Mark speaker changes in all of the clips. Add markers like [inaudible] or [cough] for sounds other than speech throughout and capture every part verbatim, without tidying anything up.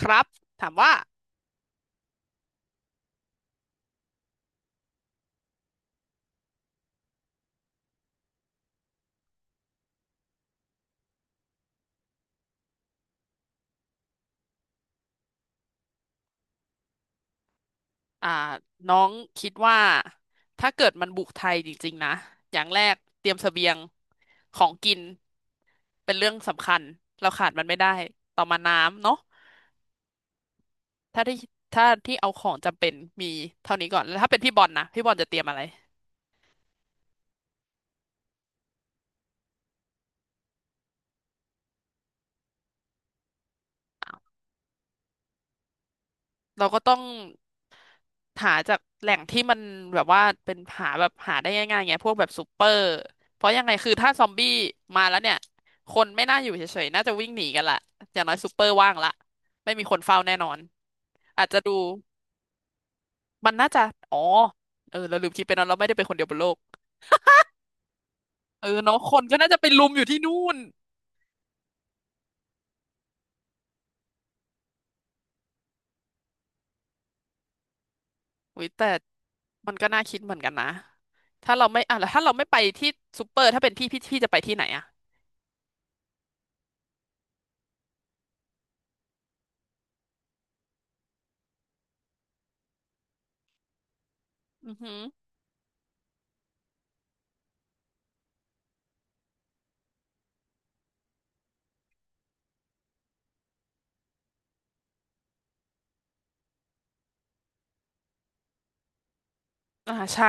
Speaker 1: ครับถามว่าอ่าน้องคิดว่าถ้าเกิดมันบุกไทยจริงๆนะอย่างแรกเตรียมเสบียงของกินเป็นเรื่องสำคัญเราขาดมันไม่ได้ต่อมาน้ำเนาะถ้าที่ถ้าที่เอาของจำเป็นมีเท่านี้ก่อนแล้วถ้าเป็นพี่บอลนะพี่บอลจะเตรียมอะไร เราก็ต้องหาจากแหล่งที่มันแบบว่าเป็นหาแบบหาได้ง่ายๆไงพวกแบบซูเปอร์เพราะยังไงคือถ้าซอมบี้มาแล้วเนี่ยคนไม่น่าอยู่เฉยๆน่าจะวิ่งหนีกันละอย่างน้อยซูเปอร์ว่างละไม่มีคนเฝ้าแน่นอนอาจจะดูมันน่าจะอ๋อเออเราลืมคิดไปเนอะเราไม่ได้เป็นคนเดียวบนโลกเออเนาะคนก็น่าจะไปลุมอยู่ที่นู่นอุ้ยแต่มันก็น่าคิดเหมือนกันนะถ้าเราไม่อ่ะแล้วถ้าเราไม่ไปที่ซูเปอร์ถ้าเป็นพี่พี่พี่จะไปที่ไหนอะอือหืออ่าใช่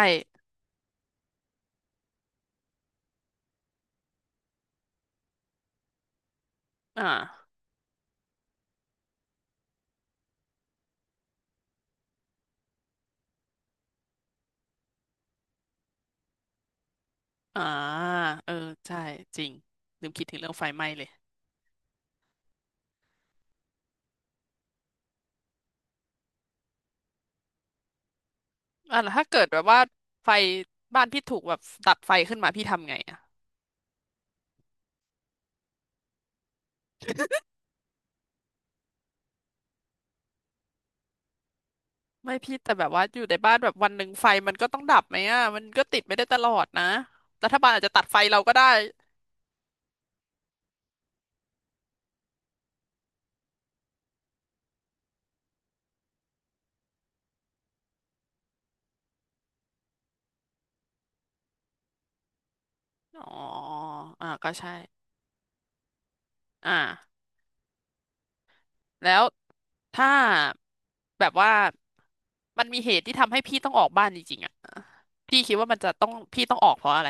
Speaker 1: อ่าอ่าเออใช่จริงลืมคิดถึงเรื่องไฟไหม้เลยอ่ะแล้วถ้าเกิดแบบว่าไฟบ้านพี่ถูกแบบดับไฟขึ้นมาพี่ทำไงอ่ะไม่พี่แต่แบบว่าอยู่ในบ้านแบบวันหนึ่งไฟมันก็ต้องดับไหมอ่ะมันก็ติดไม่ได้ตลอดนะรัฐบาลอาจจะตัดไฟเราก็ได้อ๋ออ่าก็ใช่อ่าแล้วถ้าแบบว่ามันมีเหตุที่ทำให้พี่ต้องออกบ้านจริงๆอ่ะพี่คิดว่ามันจะต้องพี่ต้องออกเพราะอะไร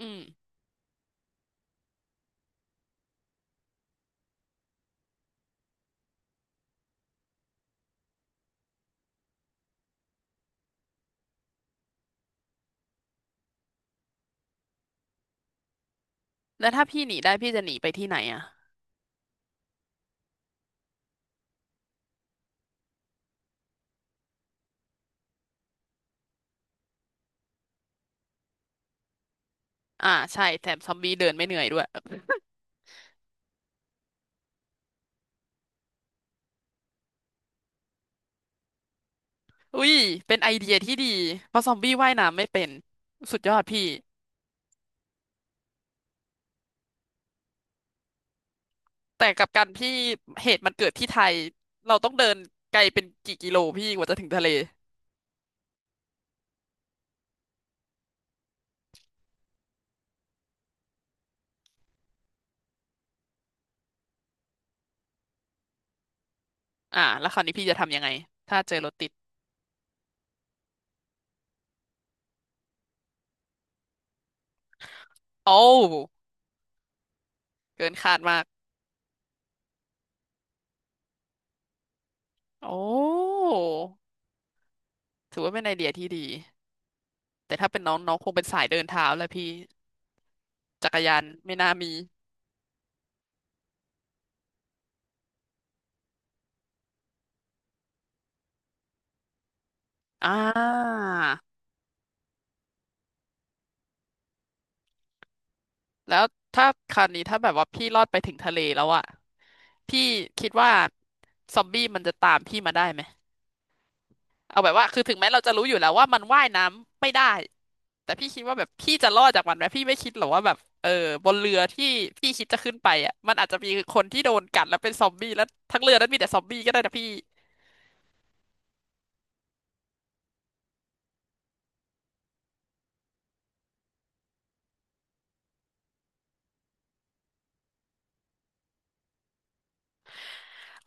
Speaker 1: อืมแล้วถ้าพี่หนีได้พี่จะหนีไปที่ไหนอ่ะ อ่าใช่แถมซอมบี้เดินไม่เหนื่อยด้วยอุ้ยเป็นไอเดียที่ดีเพราะซอมบี้ว่ายน้ำไม่เป็นสุดยอดพี่แต่กับการพี่เหตุมันเกิดที่ไทยเราต้องเดินไกลเป็นกี่กิโลพี่กว่าจะถึงทะเลอ่าแล้วคราวนี้พี่จะทำยังไงถ้าเจอรถติดโอ้วเกินคาดมากโอ้ถือว่าเป็นไอเดียที่ดีแต่ถ้าเป็นน้องน้องคงเป็นสายเดินเท้าแหละพี่จักรยานไม่น่ามีอ่าแล้วถ้าคราวนี้ถ้าแบบว่าพี่รอดไปถึงทะเลแล้วอะ พี่คิดว่าซอมบี้มันจะตามพี่มาได้ไหมเอาแบบว่าคือถึงแม้เราจะรู้อยู่แล้วว่ามันว่ายน้ำไม่ได้แต่พี่คิดว่าแบบพี่จะรอดจากมันไหมพี่ไม่คิดหรอกว่าแบบเออบนเรือที่พี่คิดจะขึ้นไปอ่ะมันอาจจะมีคนที่โดนกัดแล้วเป็นซอมบี้แล้วทั้งเรือนั้นมีแต่ซอมบี้ก็ได้นะพี่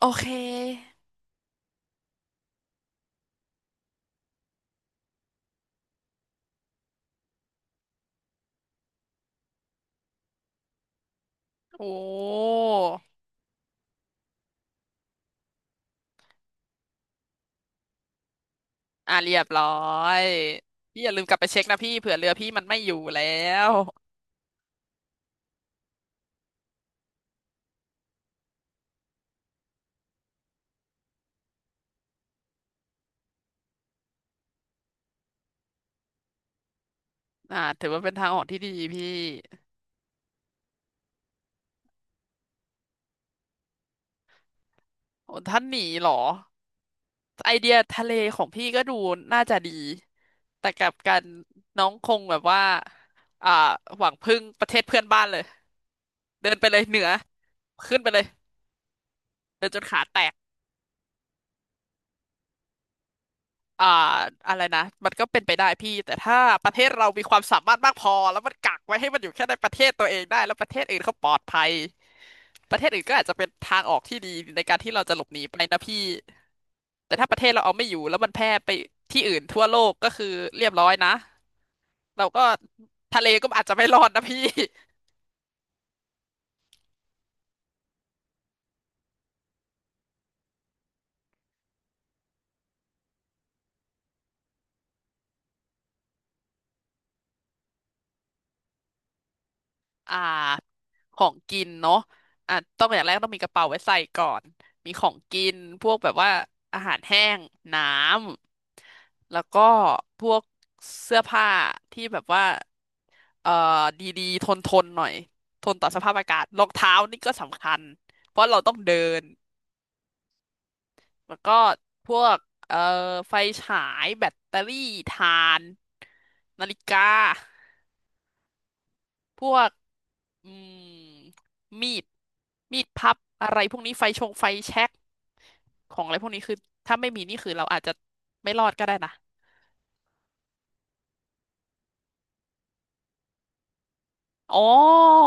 Speaker 1: โอเคโอ้อ่ะเรียบร้อยพี่อย่าลืมกลับไปเช็คนะพี่เผื่อเรือพี่มันไม่อยู่แล้วอ่าถือว่าเป็นทางออกที่ดีพี่โอ้ท่านหนีเหรอ ไอเดียทะเลของพี่ก็ดูน่าจะดีแต่กลับกันน้องคงแบบว่าอ่าหวังพึ่งประเทศเพื่อนบ้านเลยเดินไปเลยเหนือขึ้นไปเลยเดินจนขาแตกอ่าอะไรนะมันก็เป็นไปได้พี่แต่ถ้าประเทศเรามีความสามารถมากพอแล้วมันกักไว้ให้มันอยู่แค่ในประเทศตัวเองได้แล้วประเทศอื่นเขาปลอดภัยประเทศอื่นก็อาจจะเป็นทางออกที่ดีในการที่เราจะหลบหนีไปนะพี่แต่ถ้าประเทศเราเอาไม่อยู่แล้วมันแพร่ไปที่อื่นทั่วโลกก็คือเรียบร้อยนะ เราก็ทะเลก็อาจจะไม่รอดนะพี่ [laughs] อ่าของกินเนาะอ่ะต้องอย่างแรกต้องมีกระเป๋าไว้ใส่ก่อน มีของกินพวกแบบว่าอาหารแห้งน้ำ แล้วก็พวกเสื้อผ้าที่แบบว่าเอ่อดีๆทนทนหน่อย ทนต่อสภาพอากาศรองเท้านี่ก็สำคัญ เพราะเราต้องเดิน แล้วก็พวกเอ่อไฟฉายแบตเตอรี่ถ่านนาฬิกาพวก อืมมีดมีดพับอะไรพวกนี้ไฟชงไฟแช็กของอะไรพวกนี้คือถ้าไม่มีนี่คือเราอาจจะไม่รอดก็ได้นะ อ๋อ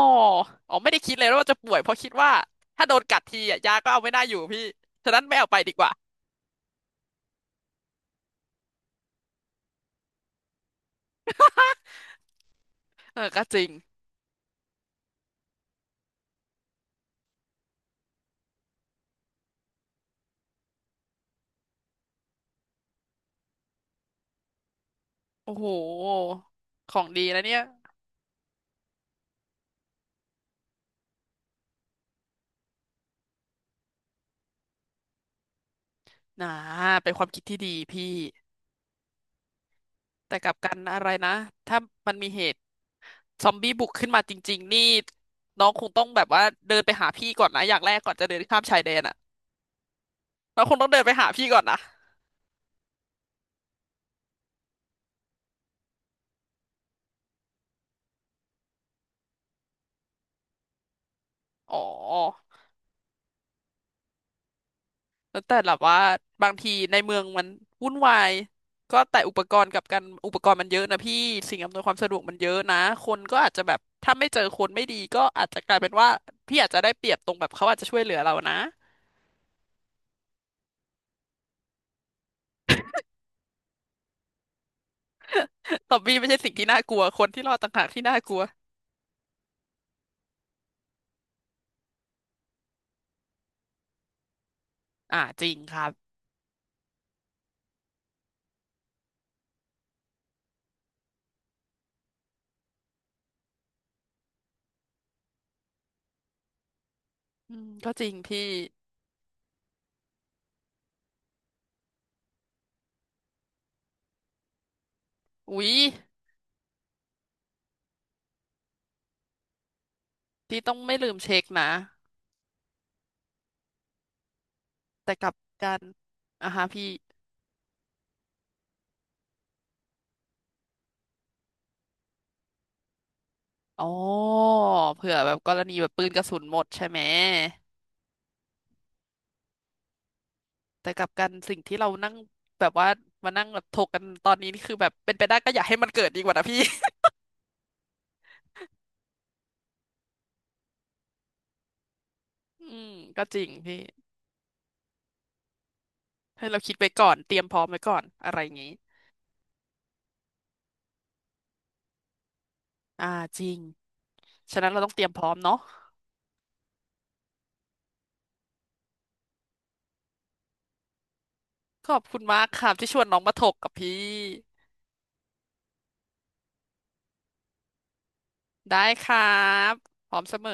Speaker 1: อ๋อไม่ได้คิดเลยว่าจะป่วยเพราะคิดว่าถ้าโดนกัดทีอะยาก็เอาไม่ได้อยู่พี่ฉะนั้นไม่เอาไปดีกว่าเออก็จริงโอ้โหของดีนะเนี่ยนะเป็นความคิดที่ดีพี่ แต่กลับกันอะไรนะถ้ามันมีเหตุซอมบี้บุกขึ้นมาจริงๆนี่น้องคงต้องแบบว่าเดินไปหาพี่ก่อนนะอย่างแรกก่อนจะเดินข้ามชายแดนอะ เราคงต้องเดินไปหาพี่ก่อนนะอ๋อแล้วแต่แบบว่าบางทีในเมืองมันวุ่นวายก็แต่อุปกรณ์กับการอุปกรณ์มันเยอะนะพี่สิ่งอำนวยความสะดวกมันเยอะนะคนก็อาจจะแบบถ้าไม่เจอคนไม่ดีก็อาจจะกลายเป็นว่าพี่อาจจะได้เปรียบตรงแบบเขาอาจจะช่วยเหลือเรานะ [laughs] ซอมบี้ไม่ใช่สิ่งที่น่ากลัวคนที่รอดต่างหากที่น่ากลัวอ่าจริงครับอืมก็จริงพี่อุ๊ยพี่ต้องไม่ลืมเช็คนะแต่กลับกันอ่ะฮะพี่ อ๋อเผื่อแบบกรณีแบบปืนกระสุนหมดใช่ไหมแต่กลับกันสิ่งที่เรานั่งแบบว่ามานั่งแบบถกกันตอนนี้นี่คือแบบเป็นไปได้ก็อย่าให้มันเกิดดีกว่านะพี่ [laughs] อืมก็จริงพี่ให้เราคิดไว้ก่อนเตรียมพร้อมไว้ก่อนอะไรอย่างงี้อ่าจริงฉะนั้นเราต้องเตรียมพร้อมเนาะขอบคุณมากครับที่ชวนน้องมาถกกับพี่ได้ครับพร้อมเสมอ